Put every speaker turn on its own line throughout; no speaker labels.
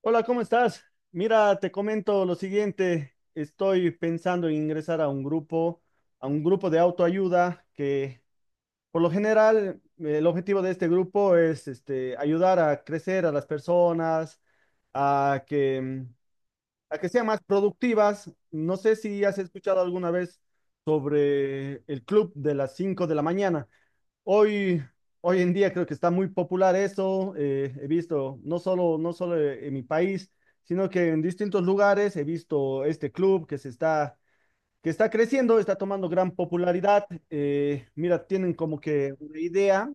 Hola, ¿cómo estás? Mira, te comento lo siguiente. Estoy pensando en ingresar a un grupo de autoayuda que por lo general, el objetivo de este grupo es este, ayudar a crecer a las personas, a que, mm, a que sean más productivas. No sé si has escuchado alguna vez sobre el club de las 5 de la mañana. Hoy, hoy en día creo que está muy popular eso. He visto no solo en mi país, sino que en distintos lugares he visto este club que está creciendo, está tomando gran popularidad. Mira, tienen como que una idea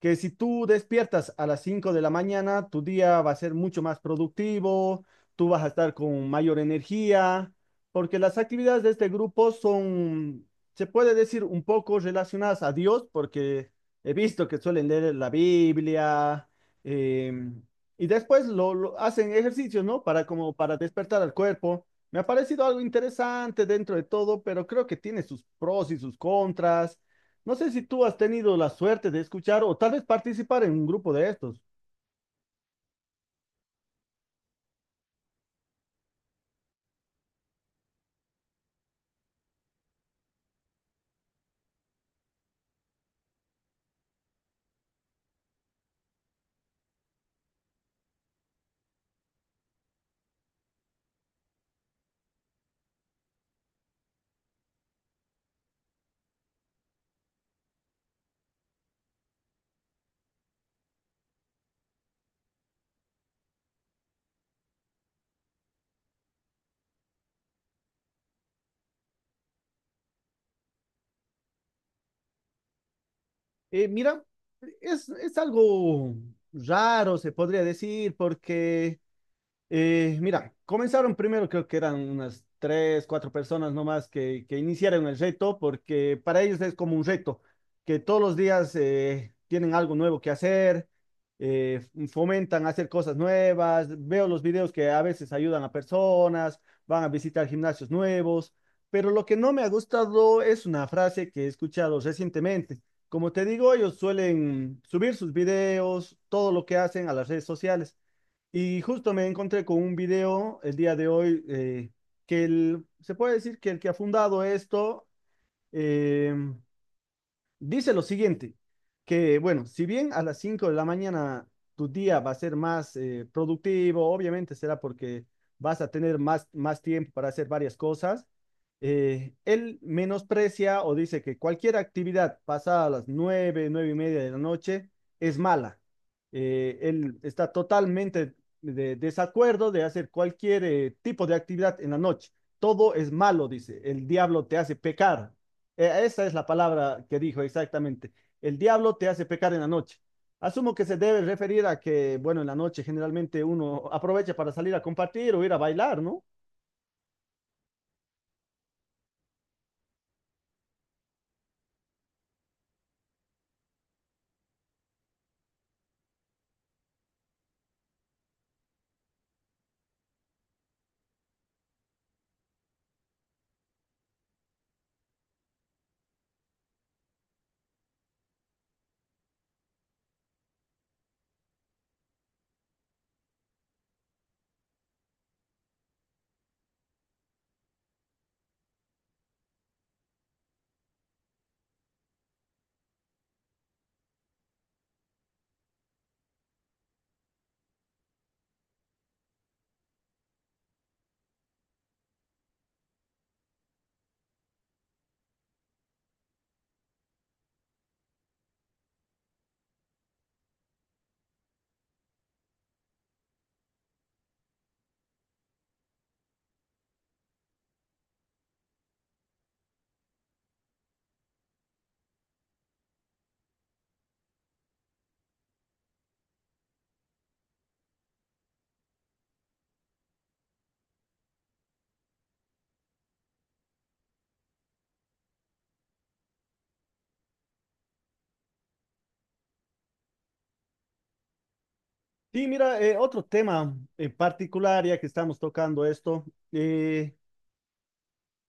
que si tú despiertas a las 5 de la mañana, tu día va a ser mucho más productivo, tú vas a estar con mayor energía, porque las actividades de este grupo son, se puede decir, un poco relacionadas a Dios, porque he visto que suelen leer la Biblia, em, y después lo hacen ejercicios, ¿no? Para, como para despertar al cuerpo. Me ha parecido algo interesante dentro de todo, pero creo que tiene sus pros y sus contras. No sé si tú has tenido la suerte de escuchar o tal vez participar en un grupo de estos. Mira, es algo raro, se podría decir, porque. Mira, comenzaron primero, creo que eran unas tres, cuatro personas nomás que iniciaron el reto, porque para ellos es como un reto, que todos los días tienen algo nuevo que hacer, eh, fomentan hacer cosas nuevas, veo los videos que a veces ayudan a personas, van a visitar gimnasios nuevos, pero lo que no me ha gustado es una frase que he escuchado recientemente. Como te digo, ellos suelen subir sus videos, todo lo que hacen a las redes sociales. Y justo me encontré con un video el día de hoy, se puede decir que el que ha fundado esto, eh, dice lo siguiente, que bueno, si bien a las 5 de la mañana tu día va a ser más productivo, obviamente será porque vas a tener más tiempo para hacer varias cosas. Él menosprecia o dice que cualquier actividad pasada a las nueve, 9 y media de la noche es mala. Él está totalmente de desacuerdo de hacer cualquier tipo de actividad en la noche. Todo es malo, dice. El diablo te hace pecar, esa es la palabra que dijo exactamente. El diablo te hace pecar en la noche. Asumo que se debe referir a que, bueno, en la noche generalmente uno aprovecha para salir a compartir o ir a bailar, ¿no? Sí, mira, otro tema en particular, ya que estamos tocando esto. eh,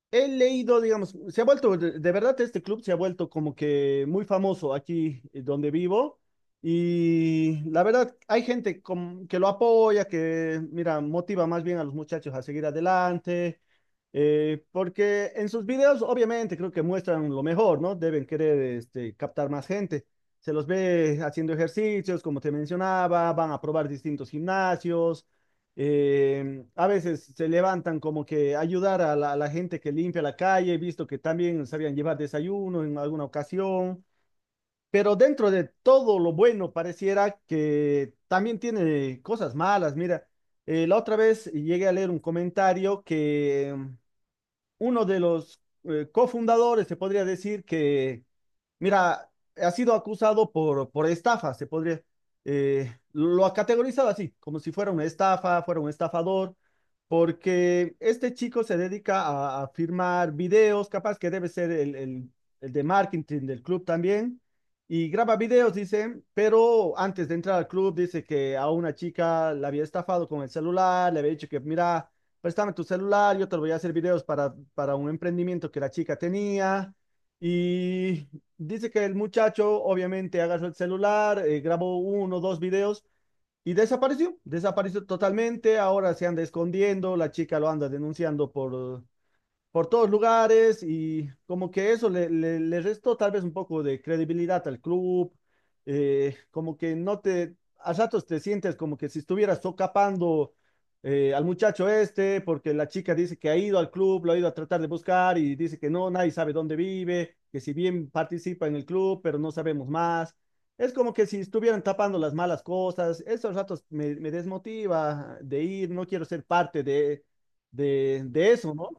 He leído, digamos, se ha vuelto, de verdad este club se ha vuelto como que muy famoso aquí, donde vivo, y la verdad hay gente que lo apoya, que mira, motiva más bien a los muchachos a seguir adelante, porque en sus videos obviamente creo que muestran lo mejor, ¿no? Deben querer, captar más gente. Se los ve haciendo ejercicios, como te mencionaba, van a probar distintos gimnasios, a veces se levantan como que ayudar a la gente que limpia la calle, visto que también sabían llevar desayuno en alguna ocasión, pero dentro de todo lo bueno pareciera que también tiene cosas malas. Mira, la otra vez llegué a leer un comentario que, uno de los cofundadores, se podría decir que. Mira, ha sido acusado por, estafa, se podría, lo ha categorizado así, como si fuera una estafa, fuera un estafador, porque este chico se dedica a firmar videos, capaz que debe ser el de marketing del club también, y graba videos, dice, pero antes de entrar al club dice que a una chica la había estafado con el celular, le había dicho que, mira, préstame tu celular, yo te voy a hacer videos para un emprendimiento que la chica tenía. Y dice que el muchacho obviamente agarró el celular, grabó uno o dos videos y desapareció, desapareció totalmente. Ahora se anda escondiendo, la chica lo anda denunciando por todos lugares y como que eso le restó tal vez un poco de credibilidad al club. Como que no te, A ratos te sientes como que si estuvieras socapando, al muchacho este, porque la chica dice que ha ido al club, lo ha ido a tratar de buscar y dice que no, nadie sabe dónde vive, que si bien participa en el club, pero no sabemos más. Es como que si estuvieran tapando las malas cosas, esos ratos me desmotiva de ir, no quiero ser parte de, de eso, ¿no?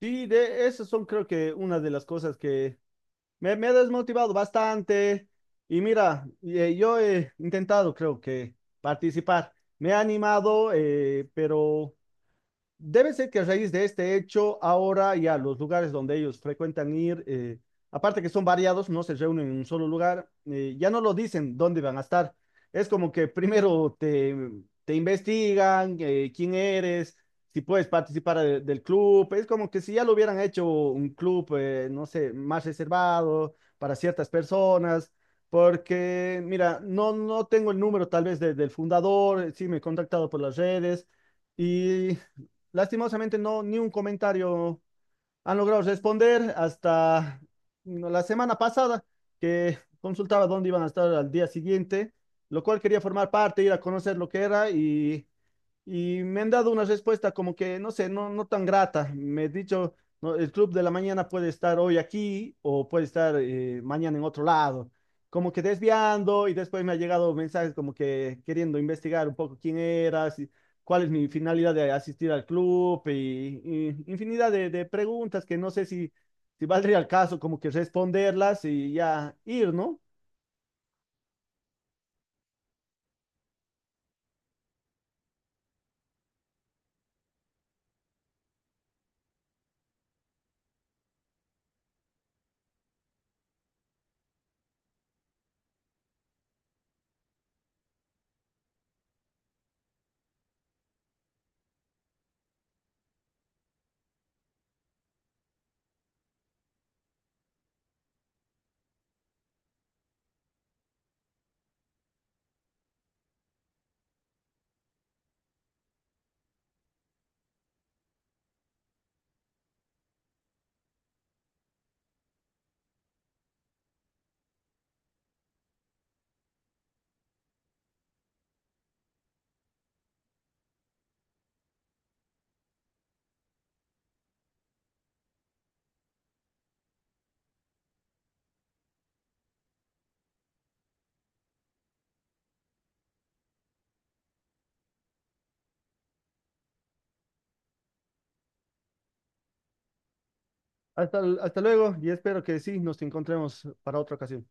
Sí, de esas son creo que una de las cosas que me ha desmotivado bastante. Y mira, yo he intentado creo que participar. Me ha animado, pero debe ser que a raíz de este hecho, ahora ya los lugares donde ellos frecuentan ir, aparte que son variados, no se reúnen en un solo lugar. Ya no lo dicen dónde van a estar. Es como que primero te investigan, quién eres, si puedes participar del club. Es como que si ya lo hubieran hecho un club, no sé, más reservado para ciertas personas. Porque, mira, no, no tengo el número tal vez del fundador, sí me he contactado por las redes. Y lastimosamente no, ni un comentario han logrado responder hasta, la semana pasada, que consultaba dónde iban a estar al día siguiente, lo cual quería formar parte, ir a conocer lo que era, y me han dado una respuesta como que, no sé, no, no tan grata. Me he dicho, "No, el club de la mañana puede estar hoy aquí o puede estar, mañana en otro lado." Como que desviando, y después me ha llegado mensajes como que queriendo investigar un poco quién era, cuál es mi finalidad de asistir al club, y infinidad de preguntas que no sé si valdría el caso como que responderlas y ya ir, ¿no? Hasta luego y espero que sí nos encontremos para otra ocasión.